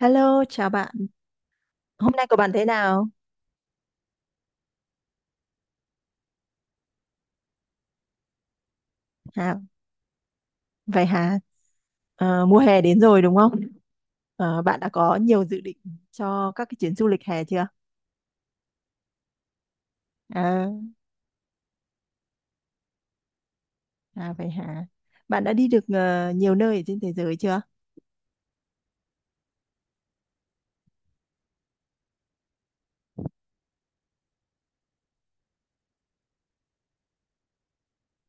Hello, chào bạn. Hôm nay của bạn thế nào? Hả? Vậy hả? Mùa hè đến rồi đúng không? Bạn đã có nhiều dự định cho các cái chuyến du lịch hè chưa? À, à vậy hả? Bạn đã đi được nhiều nơi ở trên thế giới chưa?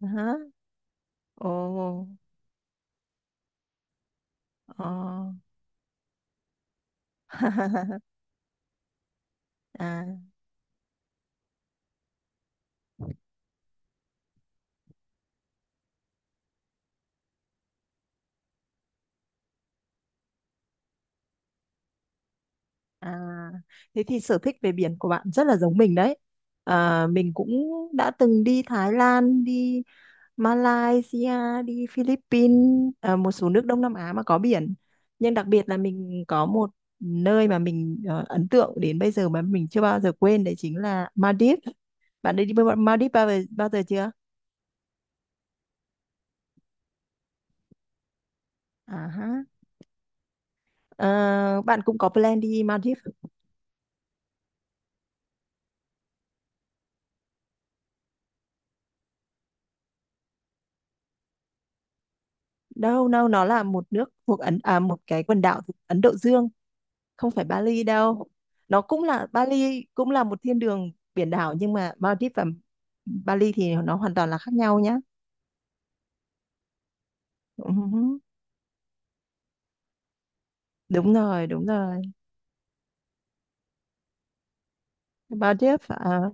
Hả? Ồ, ồ. À, À, thế thì sở thích về biển của bạn rất là giống mình đấy. À, mình cũng đã từng đi Thái Lan, đi Malaysia, đi Philippines, à, một số nước Đông Nam Á mà có biển. Nhưng đặc biệt là mình có một nơi mà mình ấn tượng đến bây giờ mà mình chưa bao giờ quên đấy chính là Maldives. Bạn đã đi Maldives bao giờ chưa? À, ha. Ờ, Bạn cũng có plan đi Maldives. Đâu đâu, nó là một nước thuộc Ấn, à, một cái quần đảo thuộc Ấn Độ Dương, không phải Bali đâu. Nó cũng là Bali cũng là một thiên đường biển đảo nhưng mà Maldives và Bali thì nó hoàn toàn là khác nhau nhá. Ừ, đúng rồi, đúng rồi. Maldives à,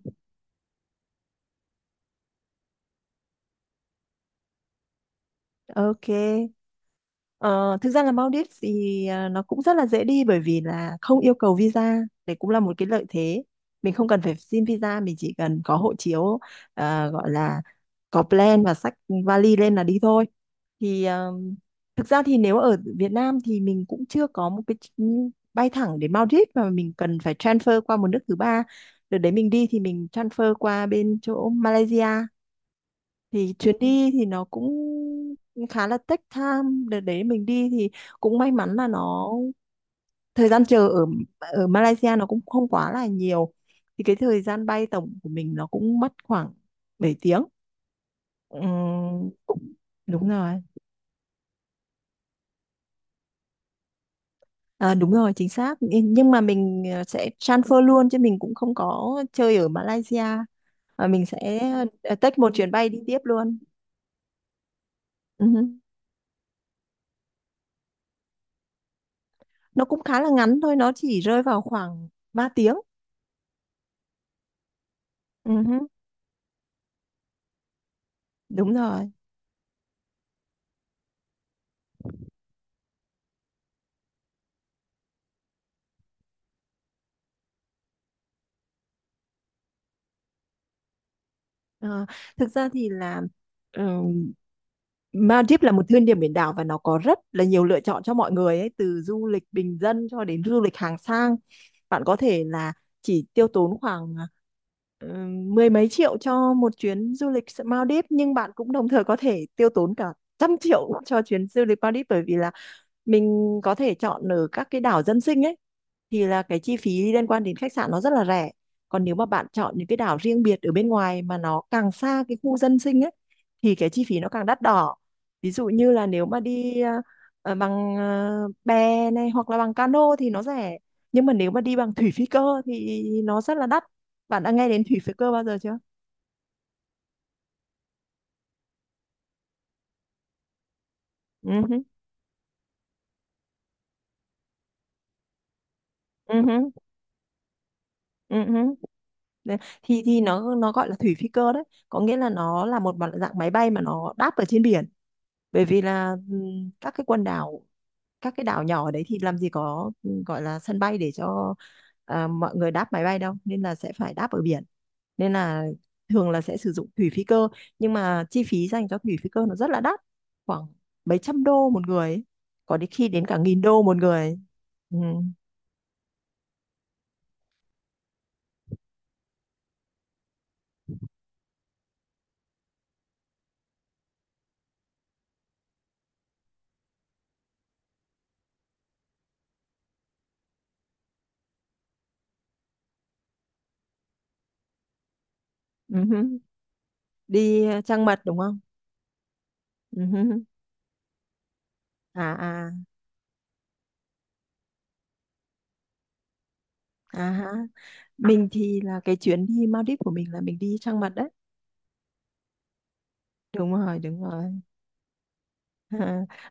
ok. Ờ, Thực ra là Maldives thì nó cũng rất là dễ đi bởi vì là không yêu cầu visa, đấy cũng là một cái lợi thế. Mình không cần phải xin visa, mình chỉ cần có hộ chiếu, gọi là có plan và xách vali lên là đi thôi. thì à, Thực ra thì nếu ở Việt Nam thì mình cũng chưa có một cái bay thẳng đến Maldives mà mình cần phải transfer qua một nước thứ ba. Đợt đấy mình đi thì mình transfer qua bên chỗ Malaysia. Thì chuyến đi thì nó cũng khá là take time. Đợt đấy mình đi thì cũng may mắn là nó thời gian chờ ở ở Malaysia nó cũng không quá là nhiều. Thì cái thời gian bay tổng của mình nó cũng mất khoảng 7 tiếng. Cũng đúng rồi. À, đúng rồi, chính xác. Nhưng mà mình sẽ transfer luôn chứ mình cũng không có chơi ở Malaysia. Và mình sẽ take một chuyến bay đi tiếp luôn. Ừ hứ. Nó cũng khá là ngắn thôi, nó chỉ rơi vào khoảng 3 tiếng. Ừ hứ, đúng rồi. Ờ, Thực ra thì là ừm, Maldives là một thiên đường biển đảo và nó có rất là nhiều lựa chọn cho mọi người ấy, từ du lịch bình dân cho đến du lịch hàng sang. Bạn có thể là chỉ tiêu tốn khoảng mười mấy triệu cho một chuyến du lịch Maldives nhưng bạn cũng đồng thời có thể tiêu tốn cả trăm triệu cho chuyến du lịch Maldives bởi vì là mình có thể chọn ở các cái đảo dân sinh ấy, thì là cái chi phí liên quan đến khách sạn nó rất là rẻ. Còn nếu mà bạn chọn những cái đảo riêng biệt ở bên ngoài mà nó càng xa cái khu dân sinh ấy thì cái chi phí nó càng đắt đỏ. Ví dụ như là nếu mà đi bằng bè này hoặc là bằng cano thì nó rẻ, nhưng mà nếu mà đi bằng thủy phi cơ thì nó rất là đắt. Bạn đã nghe đến thủy phi cơ bao giờ chưa? Ừ hứ, ừ hứ, ừ hứ. Đấy, thì nó gọi là thủy phi cơ đấy, có nghĩa là nó là một dạng máy bay mà nó đáp ở trên biển. Bởi vì là các cái quần đảo, các cái đảo nhỏ ở đấy thì làm gì có gọi là sân bay để cho mọi người đáp máy bay đâu nên là sẽ phải đáp ở biển, nên là thường là sẽ sử dụng thủy phi cơ. Nhưng mà chi phí dành cho thủy phi cơ nó rất là đắt, khoảng mấy trăm đô một người ấy, có đến khi đến cả nghìn đô một người ấy. Ừ. Ừ. Đi trăng mật đúng không? Ừ. À, à, à ha. Mình thì là cái chuyến đi Maldives của mình là mình đi trăng mật đấy, đúng rồi, đúng rồi.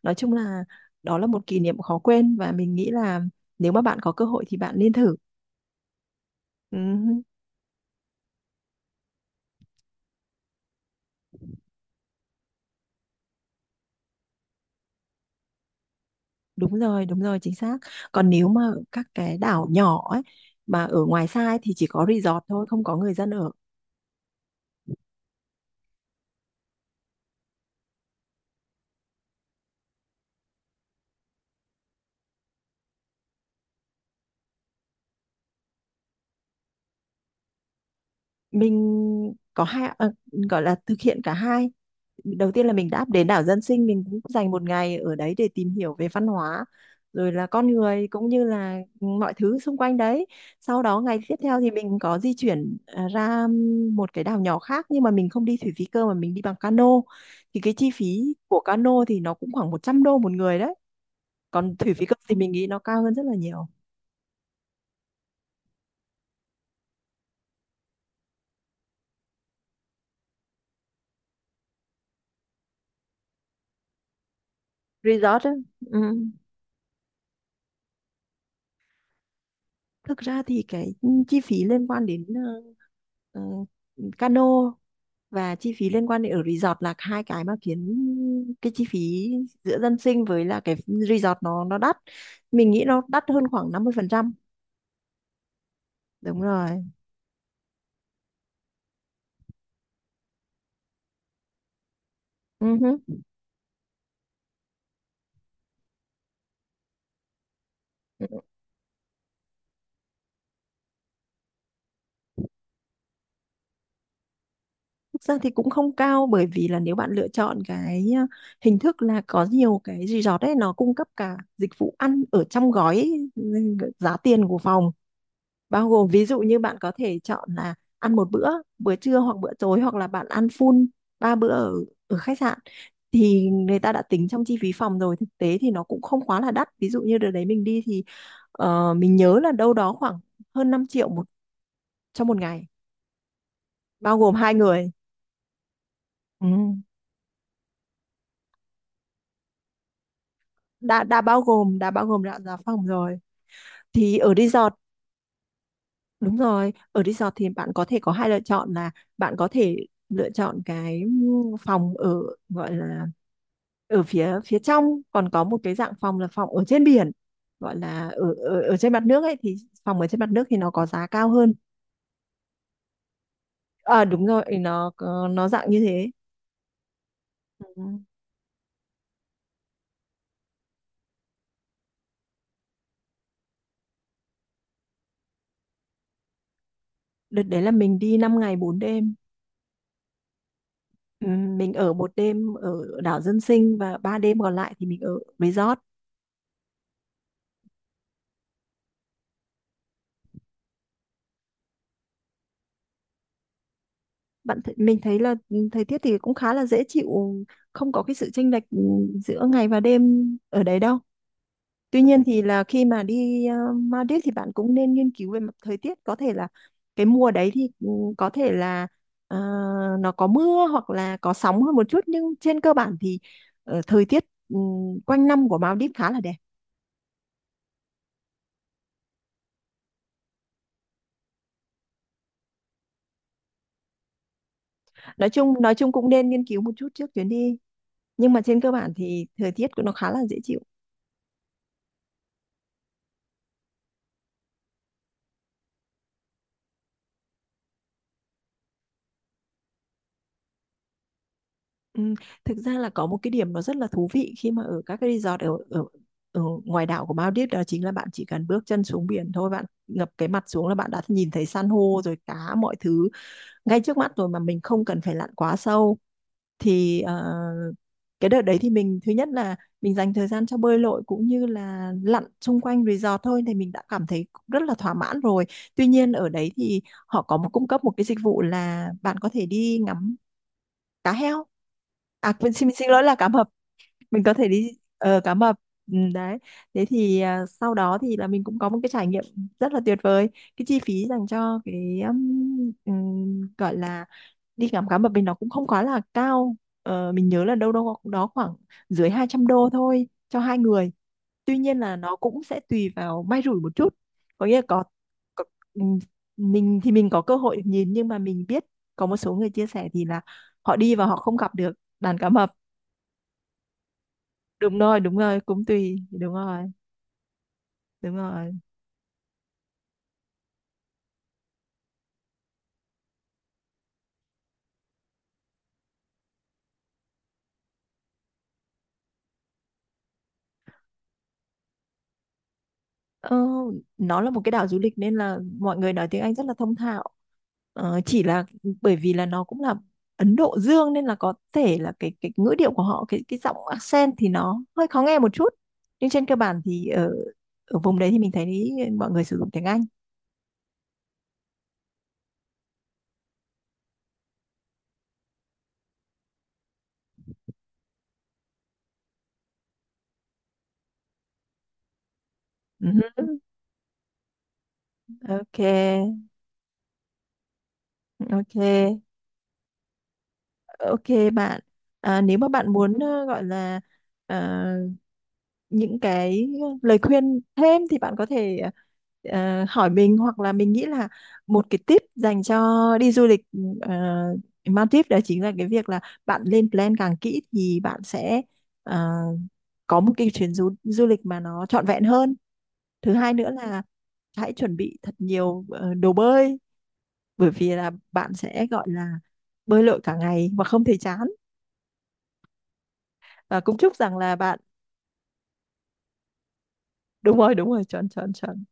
Nói chung là đó là một kỷ niệm khó quên và mình nghĩ là nếu mà bạn có cơ hội thì bạn nên thử. Ừ, đúng rồi, đúng rồi, chính xác. Còn nếu mà các cái đảo nhỏ ấy mà ở ngoài xa ấy, thì chỉ có resort thôi không có người dân ở. Mình có hai gọi là thực hiện cả hai. Đầu tiên là mình đã đến đảo dân sinh, mình cũng dành một ngày ở đấy để tìm hiểu về văn hóa rồi là con người cũng như là mọi thứ xung quanh đấy. Sau đó ngày tiếp theo thì mình có di chuyển ra một cái đảo nhỏ khác nhưng mà mình không đi thủy phí cơ mà mình đi bằng cano. Thì cái chi phí của cano thì nó cũng khoảng 100 đô một người đấy, còn thủy phí cơ thì mình nghĩ nó cao hơn rất là nhiều. Resort á. Ừ. Thực ra thì cái chi phí liên quan đến ờ, cano và chi phí liên quan đến ở resort là hai cái mà khiến cái chi phí giữa dân sinh với là cái resort nó đắt. Mình nghĩ nó đắt hơn khoảng 50%, đúng rồi. Ừ hứ. Ừ. Thực ra thì cũng không cao bởi vì là nếu bạn lựa chọn cái hình thức là có nhiều cái resort ấy nó cung cấp cả dịch vụ ăn ở trong gói, giá tiền của phòng bao gồm, ví dụ như bạn có thể chọn là ăn một bữa, bữa trưa hoặc bữa tối hoặc là bạn ăn full ba bữa ở ở khách sạn thì người ta đã tính trong chi phí phòng rồi. Thực tế thì nó cũng không quá là đắt, ví dụ như đợt đấy mình đi thì mình nhớ là đâu đó khoảng hơn 5 triệu trong một ngày bao gồm hai người. Ừ. đã bao gồm đã giá phòng rồi thì ở resort. Đúng rồi, ở resort thì bạn có thể có hai lựa chọn là bạn có thể lựa chọn cái phòng ở, gọi là ở phía phía trong, còn có một cái dạng phòng là phòng ở trên biển gọi là ở ở trên mặt nước ấy thì phòng ở trên mặt nước thì nó có giá cao hơn. À đúng rồi, nó dạng như thế. Ừ. Đợt đấy là mình đi 5 ngày 4 đêm, ừ, mình ở một đêm ở đảo dân sinh và 3 đêm còn lại thì mình ở resort. Bạn th Mình thấy là thời tiết thì cũng khá là dễ chịu, không có cái sự chênh lệch giữa ngày và đêm ở đấy đâu. Tuy nhiên thì là khi mà đi Maldives thì bạn cũng nên nghiên cứu về mặt thời tiết, có thể là cái mùa đấy thì có thể là ờ, nó có mưa hoặc là có sóng hơn một chút nhưng trên cơ bản thì thời tiết ừ, quanh năm của Maldives khá là đẹp. Nói chung cũng nên nghiên cứu một chút trước chuyến đi nhưng mà trên cơ bản thì thời tiết của nó khá là dễ chịu. Ừ, thực ra là có một cái điểm nó rất là thú vị khi mà ở các cái resort ở ngoài đảo của Maldives, đó chính là bạn chỉ cần bước chân xuống biển thôi, bạn ngập cái mặt xuống là bạn đã nhìn thấy san hô rồi cá mọi thứ ngay trước mắt rồi mà mình không cần phải lặn quá sâu. Thì cái đợt đấy thì mình thứ nhất là mình dành thời gian cho bơi lội cũng như là lặn xung quanh resort thôi thì mình đã cảm thấy rất là thỏa mãn rồi. Tuy nhiên ở đấy thì họ có một cung cấp một cái dịch vụ là bạn có thể đi ngắm cá heo, à quên xin xin lỗi là cá mập. Mình có thể đi cá mập, ừ, đấy. Thế thì sau đó thì là mình cũng có một cái trải nghiệm rất là tuyệt vời. Cái chi phí dành cho cái gọi là đi ngắm cá mập mình nó cũng không quá là cao. Mình nhớ là đâu đâu đó khoảng dưới 200 đô thôi cho hai người, tuy nhiên là nó cũng sẽ tùy vào may rủi một chút, có nghĩa là có ừm, mình thì mình có cơ hội được nhìn nhưng mà mình biết có một số người chia sẻ thì là họ đi và họ không gặp được đàn cá mập. Đúng rồi, đúng rồi, cũng tùy, đúng rồi, đúng rồi. Ờ, nó là một cái đảo du lịch nên là mọi người nói tiếng Anh rất là thông thạo. Chỉ là bởi vì là nó cũng là Ấn Độ Dương nên là có thể là cái ngữ điệu của họ, cái giọng accent thì nó hơi khó nghe một chút. Nhưng trên cơ bản thì ở ở vùng đấy thì mình thấy mọi người sử dụng tiếng Anh. Ừ, ok, ok. Ok bạn, nếu mà bạn muốn gọi là ờ, những cái lời khuyên thêm thì bạn có thể hỏi mình hoặc là mình nghĩ là một cái tip dành cho đi du lịch ờ, Maldives đó chính là cái việc là bạn lên plan càng kỹ thì bạn sẽ ờ, có một cái chuyến du lịch mà nó trọn vẹn hơn. Thứ hai nữa là hãy chuẩn bị thật nhiều đồ bơi bởi vì là bạn sẽ gọi là bơi lội cả ngày mà không thấy chán. Và cũng chúc rằng là bạn đúng rồi, chuẩn chuẩn chuẩn.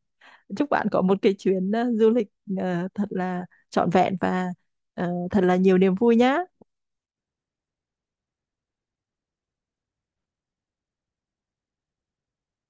Chúc bạn có một cái chuyến du lịch thật là trọn vẹn và thật là nhiều niềm vui nhá.